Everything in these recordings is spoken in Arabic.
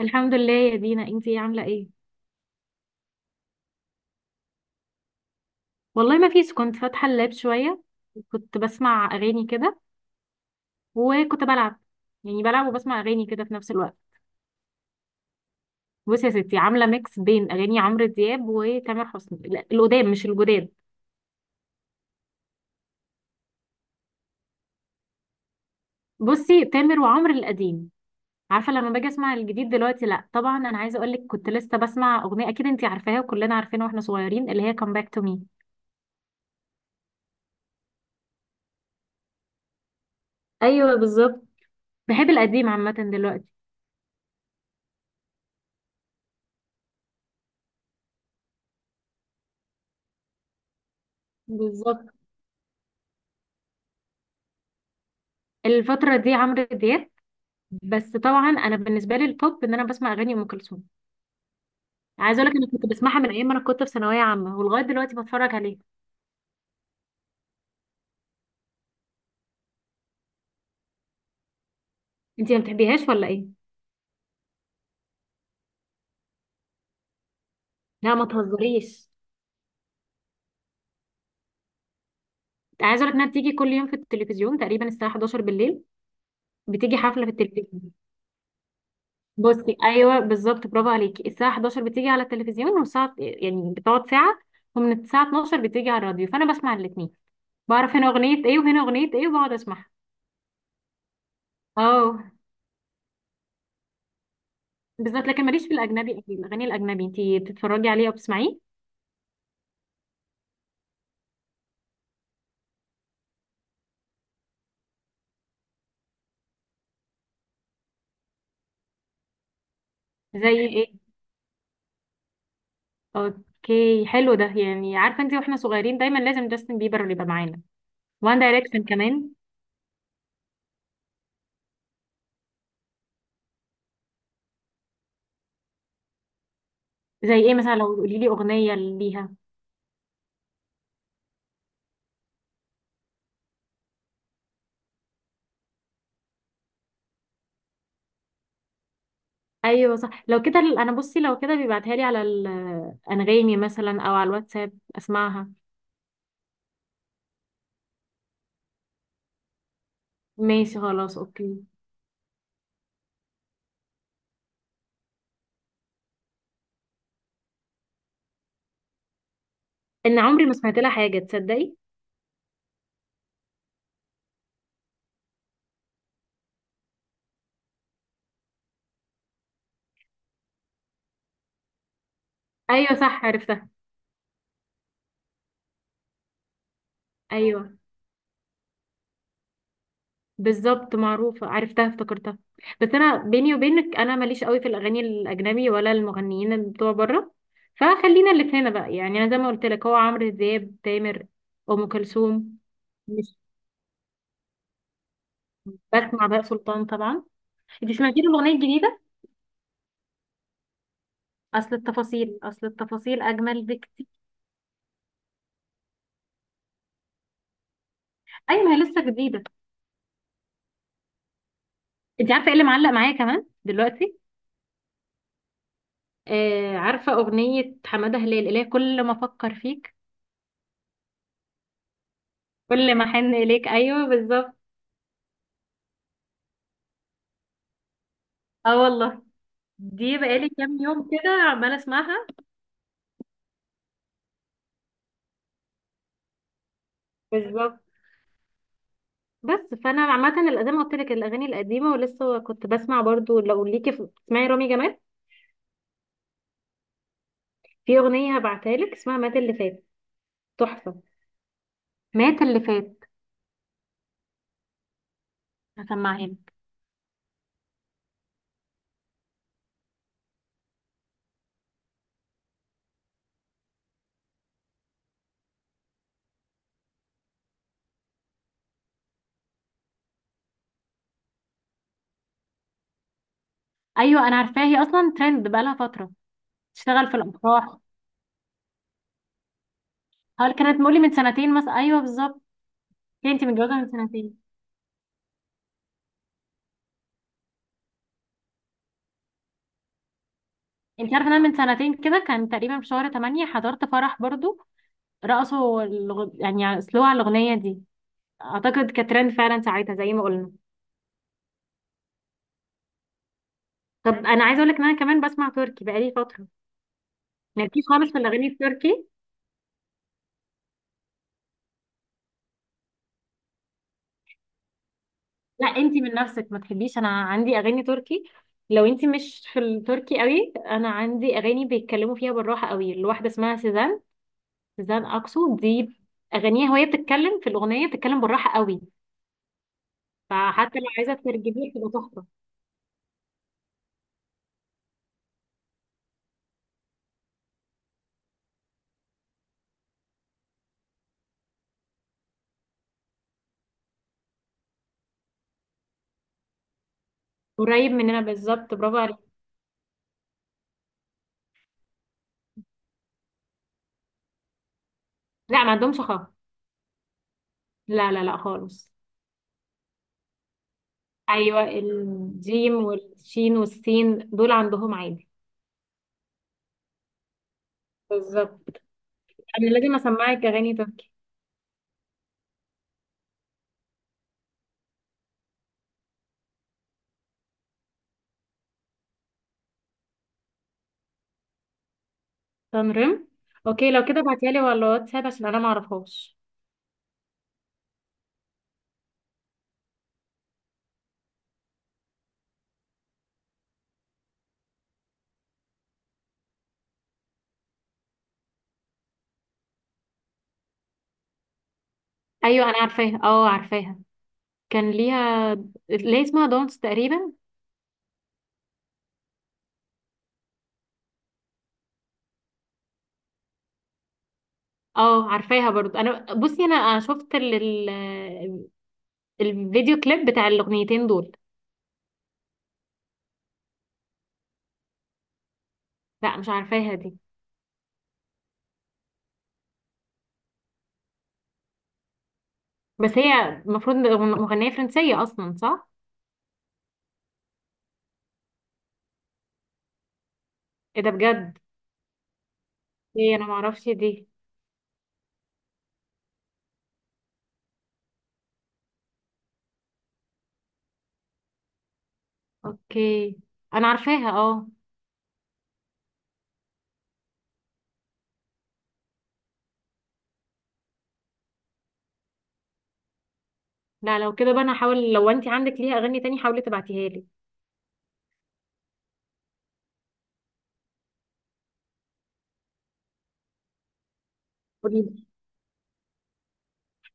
الحمد لله يا دينا، انتي ايه؟ عامله ايه؟ والله ما فيش، كنت فاتحه اللاب شويه، كنت بسمع اغاني كده، وكنت بلعب. يعني بلعب وبسمع اغاني كده في نفس الوقت. بصي يا ستي، عامله ميكس بين اغاني عمرو دياب وتامر حسني، لا القدام مش الجداد. بصي، تامر وعمرو القديم. عارفه لما باجي اسمع الجديد دلوقتي لا طبعا. انا عايزه اقول لك كنت لسه بسمع اغنيه اكيد انتي عارفاها وكلنا عارفينها واحنا صغيرين، اللي هي كام باك تو مي. ايوه بالظبط. بحب القديم عامه دلوقتي. بالظبط. الفترة دي عمرو دياب. بس طبعا انا بالنسبه لي التوب ان انا بسمع اغاني ام كلثوم. عايزه اقول لك انا كنت بسمعها من ايام ما انا كنت في ثانويه عامه ولغايه دلوقتي بتفرج عليها. انت ما بتحبيهاش ولا ايه؟ لا ما تهزريش. عايزه اقول لك انها بتيجي كل يوم في التلفزيون تقريبا الساعه 11 بالليل. بتيجي حفله في التلفزيون. بصي ايوه بالظبط، برافو عليكي. الساعه 11 بتيجي على التلفزيون والساعه يعني بتقعد ساعه. ومن الساعه 12 بتيجي على الراديو، فانا بسمع الاثنين. بعرف هنا اغنيه ايه وهنا اغنيه ايه وبقعد اسمعها. اه بالظبط. لكن ماليش في الاجنبي أوي، الاغاني الاجنبي انت بتتفرجي عليه او بتسمعيه؟ زي ايه؟ اوكي حلو، ده يعني عارفه انت واحنا صغيرين دايما لازم جاستن بيبر اللي يبقى معانا. وان دايركشن كمان. زي ايه مثلا؟ لو قولي لي اغنيه ليها. ايوه صح. لو كده انا بصي لو كده بيبعتها لي على الانغامي مثلا او على الواتساب اسمعها. ماشي خلاص اوكي. ان عمري ما سمعت لها حاجه، تصدقي؟ ايوه صح، عرفتها. ايوه بالظبط، معروفة، عرفتها افتكرتها. بس انا بيني وبينك انا ماليش قوي في الاغاني الاجنبي ولا المغنيين اللي بتوع بره. فخلينا اللي في هنا بقى، يعني انا زي ما قلت لك هو عمرو دياب تامر ام كلثوم. مش، بسمع بقى سلطان طبعا. انت سمعتي له الاغنيه الجديده؟ اصل التفاصيل اجمل بكتير. ايوه ما هي لسه جديده. انت عارفه ايه اللي معلق معايا كمان دلوقتي؟ آه، عارفه اغنيه حماده هلال اللي هي كل ما افكر فيك كل ما احن اليك، ايوه بالظبط. اه والله، دي بقالي كام يوم كده عمالة اسمعها. بالظبط. بس فانا عامه، زي ما قلت لك الاغاني القديمه. ولسه كنت بسمع برضو، لو ليكي تسمعي رامي جمال، في اغنيه هبعتها لك اسمها مات اللي فات، تحفه. مات اللي فات. هسمعها لك. ايوه انا عارفاها، هي اصلا ترند بقالها فترة. تشتغل في الافراح. هل كانت مولي من سنتين مثلا؟ ايوه بالظبط. هي انت متجوزة من سنتين؟ انت عارفة إن انا من سنتين كده كان تقريبا في شهر 8 حضرت فرح برضو. رقصوا يعني سلو على الاغنية دي، اعتقد كترند فعلا ساعتها زي ما قلنا. طب انا عايزه اقول لك ان انا كمان بسمع تركي بقالي فتره. مالكيش خالص في الاغاني التركي؟ لا انتي من نفسك ما تحبيش. انا عندي اغاني تركي. لو انتي مش في التركي قوي، انا عندي اغاني بيتكلموا فيها بالراحه قوي، الواحده اسمها سيزان. سيزان اكسو دي، اغانيها وهي بتتكلم في الاغنيه بتتكلم بالراحه قوي. فحتى لو عايزه تترجميه بتبقى تحفه. قريب مننا بالظبط، برافو عليك. لا ما عندهمش خالص. لا لا لا خالص. ايوه الجيم والشين والسين دول عندهم عادي. بالظبط. انا لازم اسمعك اغاني تركي. تنرم. اوكي لو كده ابعتيها لي ولا واتساب عشان انا ما اعرفهاش. ايوه انا عارفاها، اه عارفاها. كان ليها، ليه اسمها دونس تقريبا. اه عارفاها برضو. انا بصي انا شفت ال- الفيديو كليب بتاع الاغنيتين دول. لا مش عارفاها دي. بس هي المفروض مغنية فرنسية اصلا، صح؟ ايه ده بجد! ايه انا ما اعرفش دي. اوكي، انا عارفاها اه. لا لو كده بقى انا هحاول. لو انت عندك ليها اغاني تاني حاولي تبعتيها لي. قولي لي.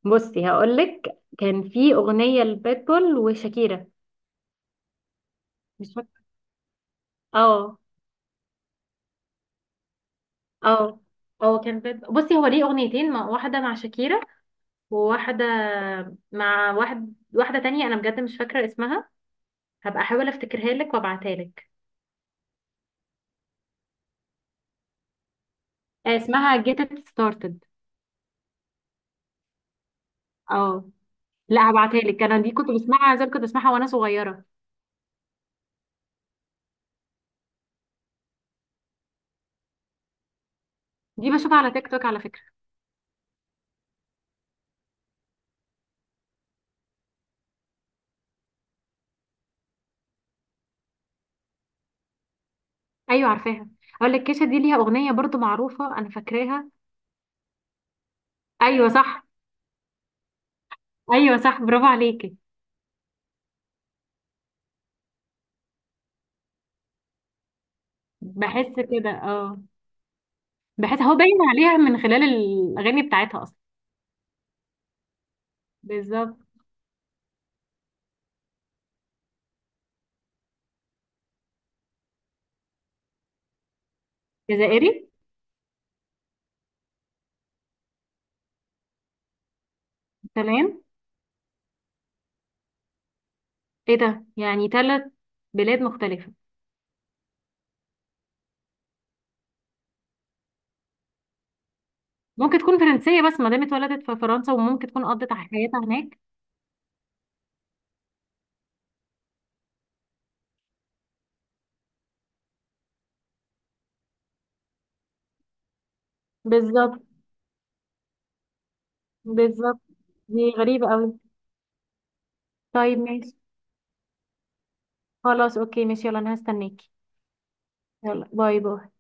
بصي هقول لك كان في اغنيه لبيتبول وشاكيرا، مش فاكره. اه. اه اه. كان بصي هو ليه اغنيتين، مع واحده مع شاكيرا، وواحده مع واحد واحده تانية انا بجد مش فاكره اسمها. هبقى احاول افتكرها لك وابعتها لك. آه، اسمها get it started. اه لا هبعتها لك، انا دي كنت بسمعها زي ما كنت بسمعها وانا صغيره. دي بشوفها على تيك توك على فكره. ايوه عارفاها. اقول لك كيشة دي ليها اغنيه برضو معروفه انا فاكراها. ايوه صح. ايوه صح، برافو عليكي. بحس كده اه. بحس هو باين عليها من خلال الاغاني بتاعتها اصلا. بالظبط. جزائري. تمام. ايه ده؟ يعني ثلاث بلاد مختلفه. ممكن تكون فرنسيه بس ما دام اتولدت في فرنسا وممكن تكون قضت على حياتها هناك. بالظبط. بالظبط. دي غريبه قوي. طيب ماشي. خلاص اوكي ماشي يلا انا هستناكي. يلا باي باي.